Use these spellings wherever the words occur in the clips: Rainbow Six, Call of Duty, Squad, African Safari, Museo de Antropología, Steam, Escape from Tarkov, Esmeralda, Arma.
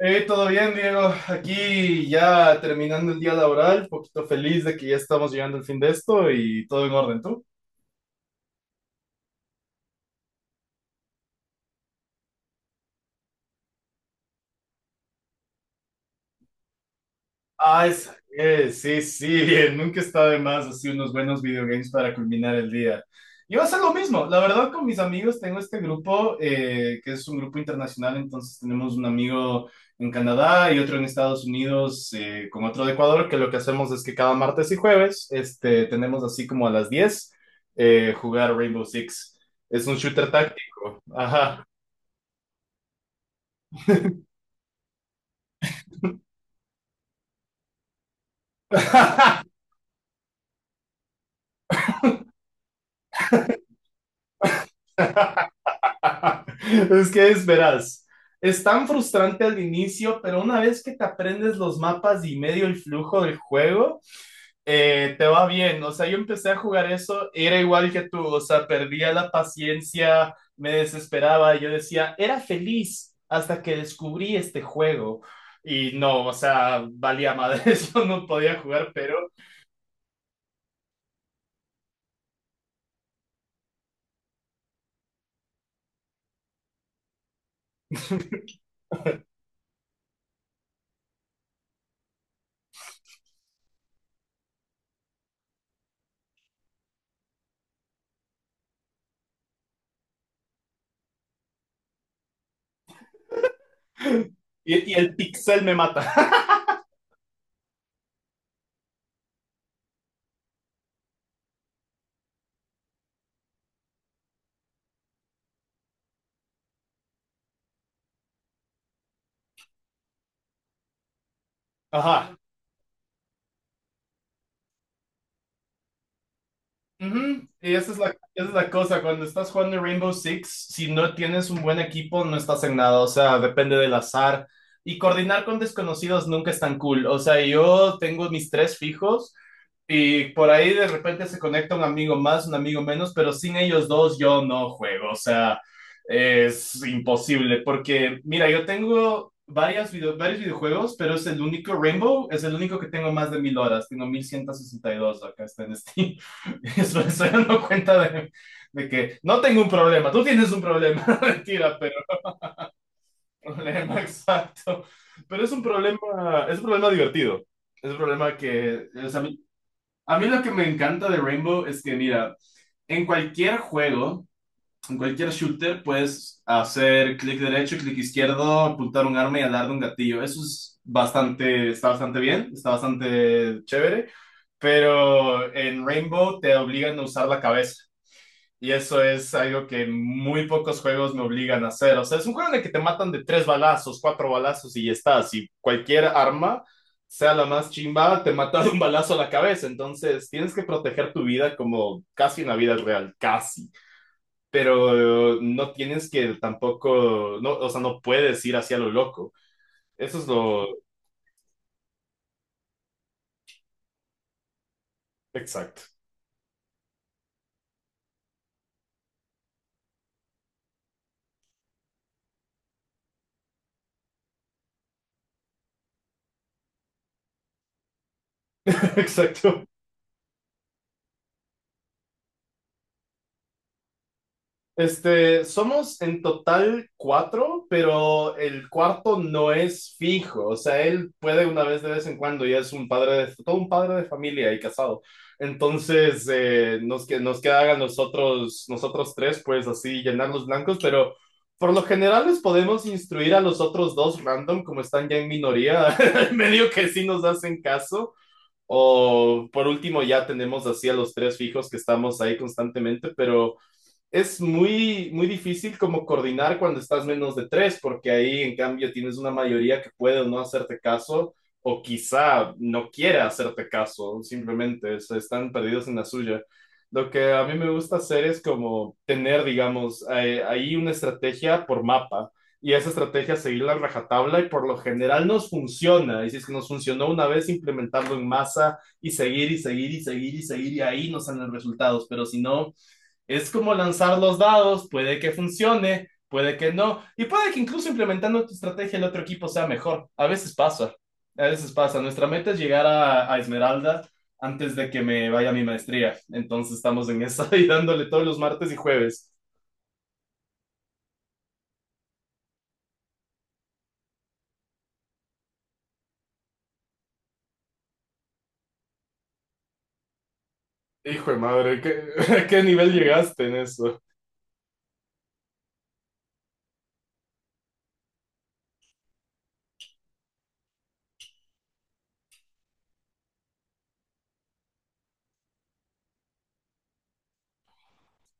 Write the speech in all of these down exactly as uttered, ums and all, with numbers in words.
Eh, todo bien, Diego. Aquí ya terminando el día laboral, poquito feliz de que ya estamos llegando al fin de esto y todo en orden. ¿Tú? Ay, Samuel, sí, sí, bien, nunca está de más así unos buenos videogames para culminar el día. Yo voy a hacer lo mismo, la verdad con mis amigos tengo este grupo, eh, que es un grupo internacional, entonces tenemos un amigo en Canadá y otro en Estados Unidos, eh, con otro de Ecuador, que lo que hacemos es que cada martes y jueves, este, tenemos así como a las diez eh, jugar Rainbow Six. Es un shooter táctico, ajá. Es que es verás. Es tan frustrante al inicio, pero una vez que te aprendes los mapas y medio el flujo del juego, eh, te va bien. O sea, yo empecé a jugar eso, era igual que tú, o sea, perdía la paciencia, me desesperaba, yo decía, era feliz hasta que descubrí este juego. Y no, o sea, valía madre, yo no podía jugar, pero. Y, y el pixel me mata. Ajá. Ujú. Y esa es la, esa es la cosa, cuando estás jugando Rainbow Six, si no tienes un buen equipo, no estás en nada, o sea, depende del azar. Y coordinar con desconocidos nunca es tan cool, o sea, yo tengo mis tres fijos y por ahí de repente se conecta un amigo más, un amigo menos, pero sin ellos dos yo no juego, o sea, es imposible, porque mira, yo tengo varias video- varios videojuegos, pero es el único, Rainbow es el único que tengo más de mil horas, tengo mil ciento sesenta y dos acá está en Steam, eso me estoy dando cuenta de, de que no tengo un problema, tú tienes un problema, mentira, pero problema exacto, pero es un problema, es un problema divertido. Es un problema que, o sea, a mí lo que me encanta de Rainbow es que, mira, en cualquier juego, en cualquier shooter, puedes hacer clic derecho, clic izquierdo, apuntar un arma y alar de un gatillo. Eso es bastante, está bastante bien, está bastante chévere, pero en Rainbow te obligan a usar la cabeza. Y eso es algo que muy pocos juegos me obligan a hacer. O sea, es un juego en el que te matan de tres balazos, cuatro balazos y ya estás. Y cualquier arma, sea la más chimba, te mata de un balazo a la cabeza. Entonces, tienes que proteger tu vida como casi una vida real, casi. Pero eh, no tienes que tampoco, no, o sea, no puedes ir hacia lo loco. Eso es lo exacto, exacto. Este, somos en total cuatro, pero el cuarto no es fijo. O sea, él puede una vez de vez en cuando, ya es un padre de, todo un padre de familia y casado. Entonces, eh, nos, que- nos queda a nosotros, nosotros tres, pues así, llenar los blancos, pero por lo general les podemos instruir a los otros dos random, como están ya en minoría, medio que sí nos hacen caso. O por último, ya tenemos así a los tres fijos que estamos ahí constantemente, pero es muy, muy difícil como coordinar cuando estás menos de tres, porque ahí en cambio tienes una mayoría que puede o no hacerte caso, o quizá no quiera hacerte caso, simplemente se están perdidos en la suya. Lo que a mí me gusta hacer es como tener, digamos, eh, ahí una estrategia por mapa y esa estrategia seguirla en rajatabla y por lo general nos funciona. Y si es que nos funcionó una vez, implementarlo en masa y seguir y seguir y seguir y seguir y ahí nos salen los resultados. Pero si no, es como lanzar los dados, puede que funcione, puede que no, y puede que incluso implementando tu estrategia el otro equipo sea mejor. A veces pasa, a veces pasa. Nuestra meta es llegar a, a Esmeralda antes de que me vaya a mi maestría. Entonces estamos en esa y dándole todos los martes y jueves. Hijo de madre. ¿qué, qué nivel llegaste en eso?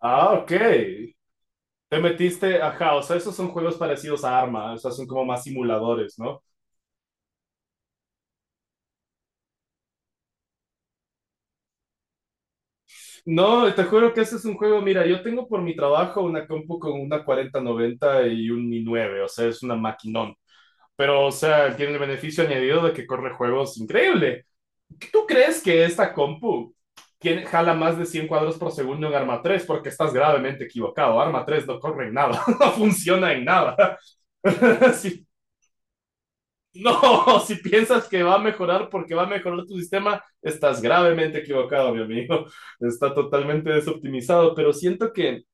Ah, ok. Te metiste, ajá, o sea, esos son juegos parecidos a Arma, o sea, son como más simuladores, ¿no? No, te juro que ese es un juego, mira, yo tengo por mi trabajo una compu con una cuarenta noventa y un i nueve, o sea, es una maquinón. Pero, o sea, tiene el beneficio añadido de que corre juegos increíble. ¿Tú crees que esta compu tiene, jala más de cien cuadros por segundo en Arma tres? Porque estás gravemente equivocado. Arma tres no corre en nada, no funciona en nada. Si- no, si piensas que va a mejorar porque va a mejorar tu sistema, estás gravemente equivocado, mi amigo, está totalmente desoptimizado, pero siento que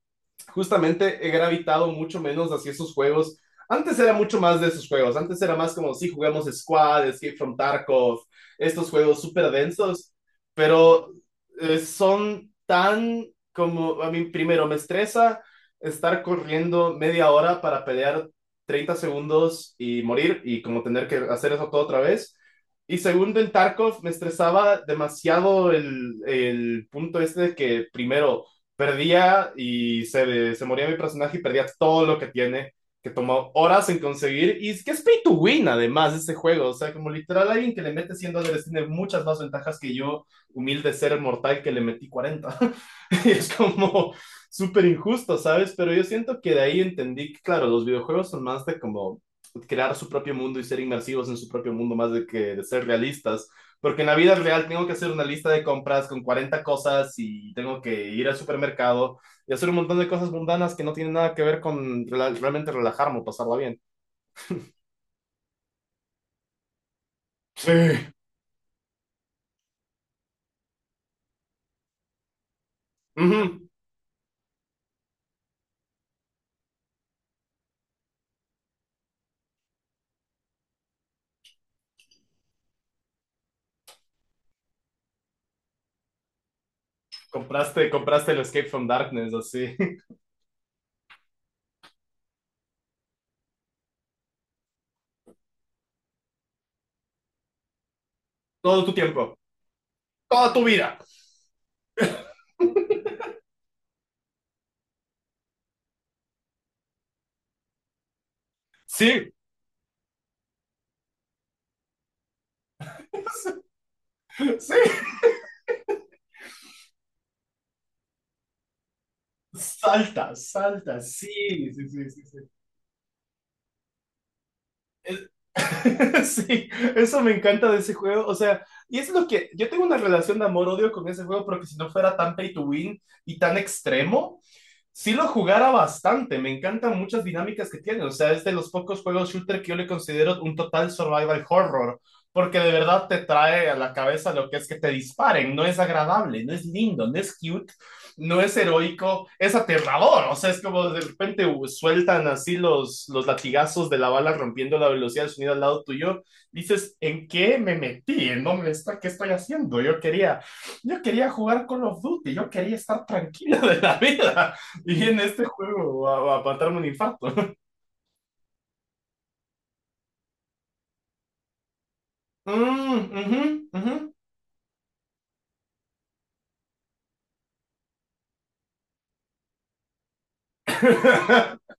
justamente he gravitado mucho menos hacia esos juegos. Antes era mucho más de esos juegos, antes era más como si sí, jugamos Squad, Escape from Tarkov, estos juegos súper densos, pero eh, son tan como, a mí primero me estresa estar corriendo media hora para pelear treinta segundos y morir y como tener que hacer eso todo otra vez. Y segundo, en Tarkov me estresaba demasiado el, el punto este de que primero perdía y se, se moría mi personaje y perdía todo lo que tiene, que tomó horas en conseguir y es que es pay to win además ese juego, o sea, como literal alguien que le mete cien dólares tiene muchas más ventajas que yo, humilde ser mortal que le metí cuarenta. Y es como súper injusto, ¿sabes? Pero yo siento que de ahí entendí que, claro, los videojuegos son más de como crear su propio mundo y ser inmersivos en su propio mundo, más de que de ser realistas. Porque en la vida real tengo que hacer una lista de compras con cuarenta cosas y tengo que ir al supermercado y hacer un montón de cosas mundanas que no tienen nada que ver con rela- realmente relajarme o pasarla bien. Sí. Ujú. Compraste, compraste el Escape from Darkness, así. Todo tu tiempo, toda tu vida. Sí, sí. Salta, salta, sí, sí, sí, sí. Sí. Es- sí, eso me encanta de ese juego. O sea, y es lo que yo tengo una relación de amor-odio con ese juego porque si no fuera tan pay to win y tan extremo, sí lo jugara bastante. Me encantan muchas dinámicas que tiene. O sea, es de los pocos juegos shooter que yo le considero un total survival horror. Porque de verdad te trae a la cabeza lo que es que te disparen. No es agradable, no es lindo, no es cute, no es heroico, es aterrador. O sea, es como de repente uh, sueltan así los, los latigazos de la bala rompiendo la velocidad del sonido al lado tuyo. Dices, ¿en qué me metí? ¿En dónde está? ¿Qué estoy haciendo? Yo quería, yo quería jugar Call of Duty, yo quería estar tranquilo de la vida. Y en este juego, a, a matarme un infarto. Mm, ujú, ujú.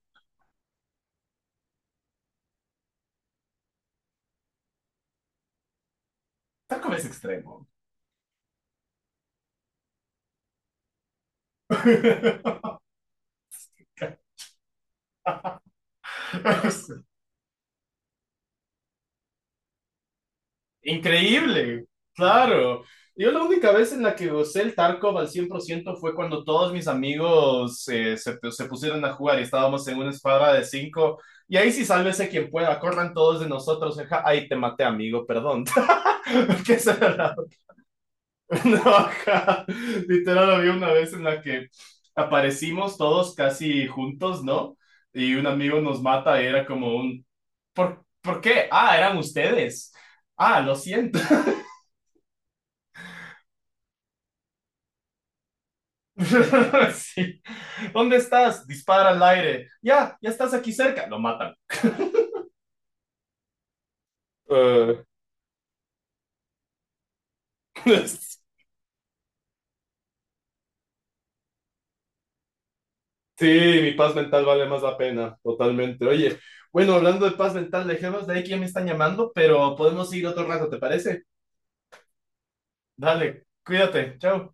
Taco es extremo. Increíble, claro. Yo la única vez en la que gocé el Tarkov al cien por ciento fue cuando todos mis amigos eh, se, se pusieron a jugar y estábamos en una escuadra de cinco. Y ahí sí, sálvese quien pueda, corran todos de nosotros. Ajá. Ay, te maté, amigo, perdón. Que esa. No, ajá. Literal, había una vez en la que aparecimos todos casi juntos, ¿no? Y un amigo nos mata y era como un... ¿Por, ¿por qué? Ah, eran ustedes. Ah, lo siento. Sí. ¿Dónde estás? Dispara al aire. Ya, ya estás aquí cerca. Lo matan. Eh, sí, mi paz mental vale más la pena, totalmente. Oye, bueno, hablando de paz mental, dejemos de ahí que ya me están llamando, pero podemos seguir otro rato, ¿te parece? Dale, cuídate, chao.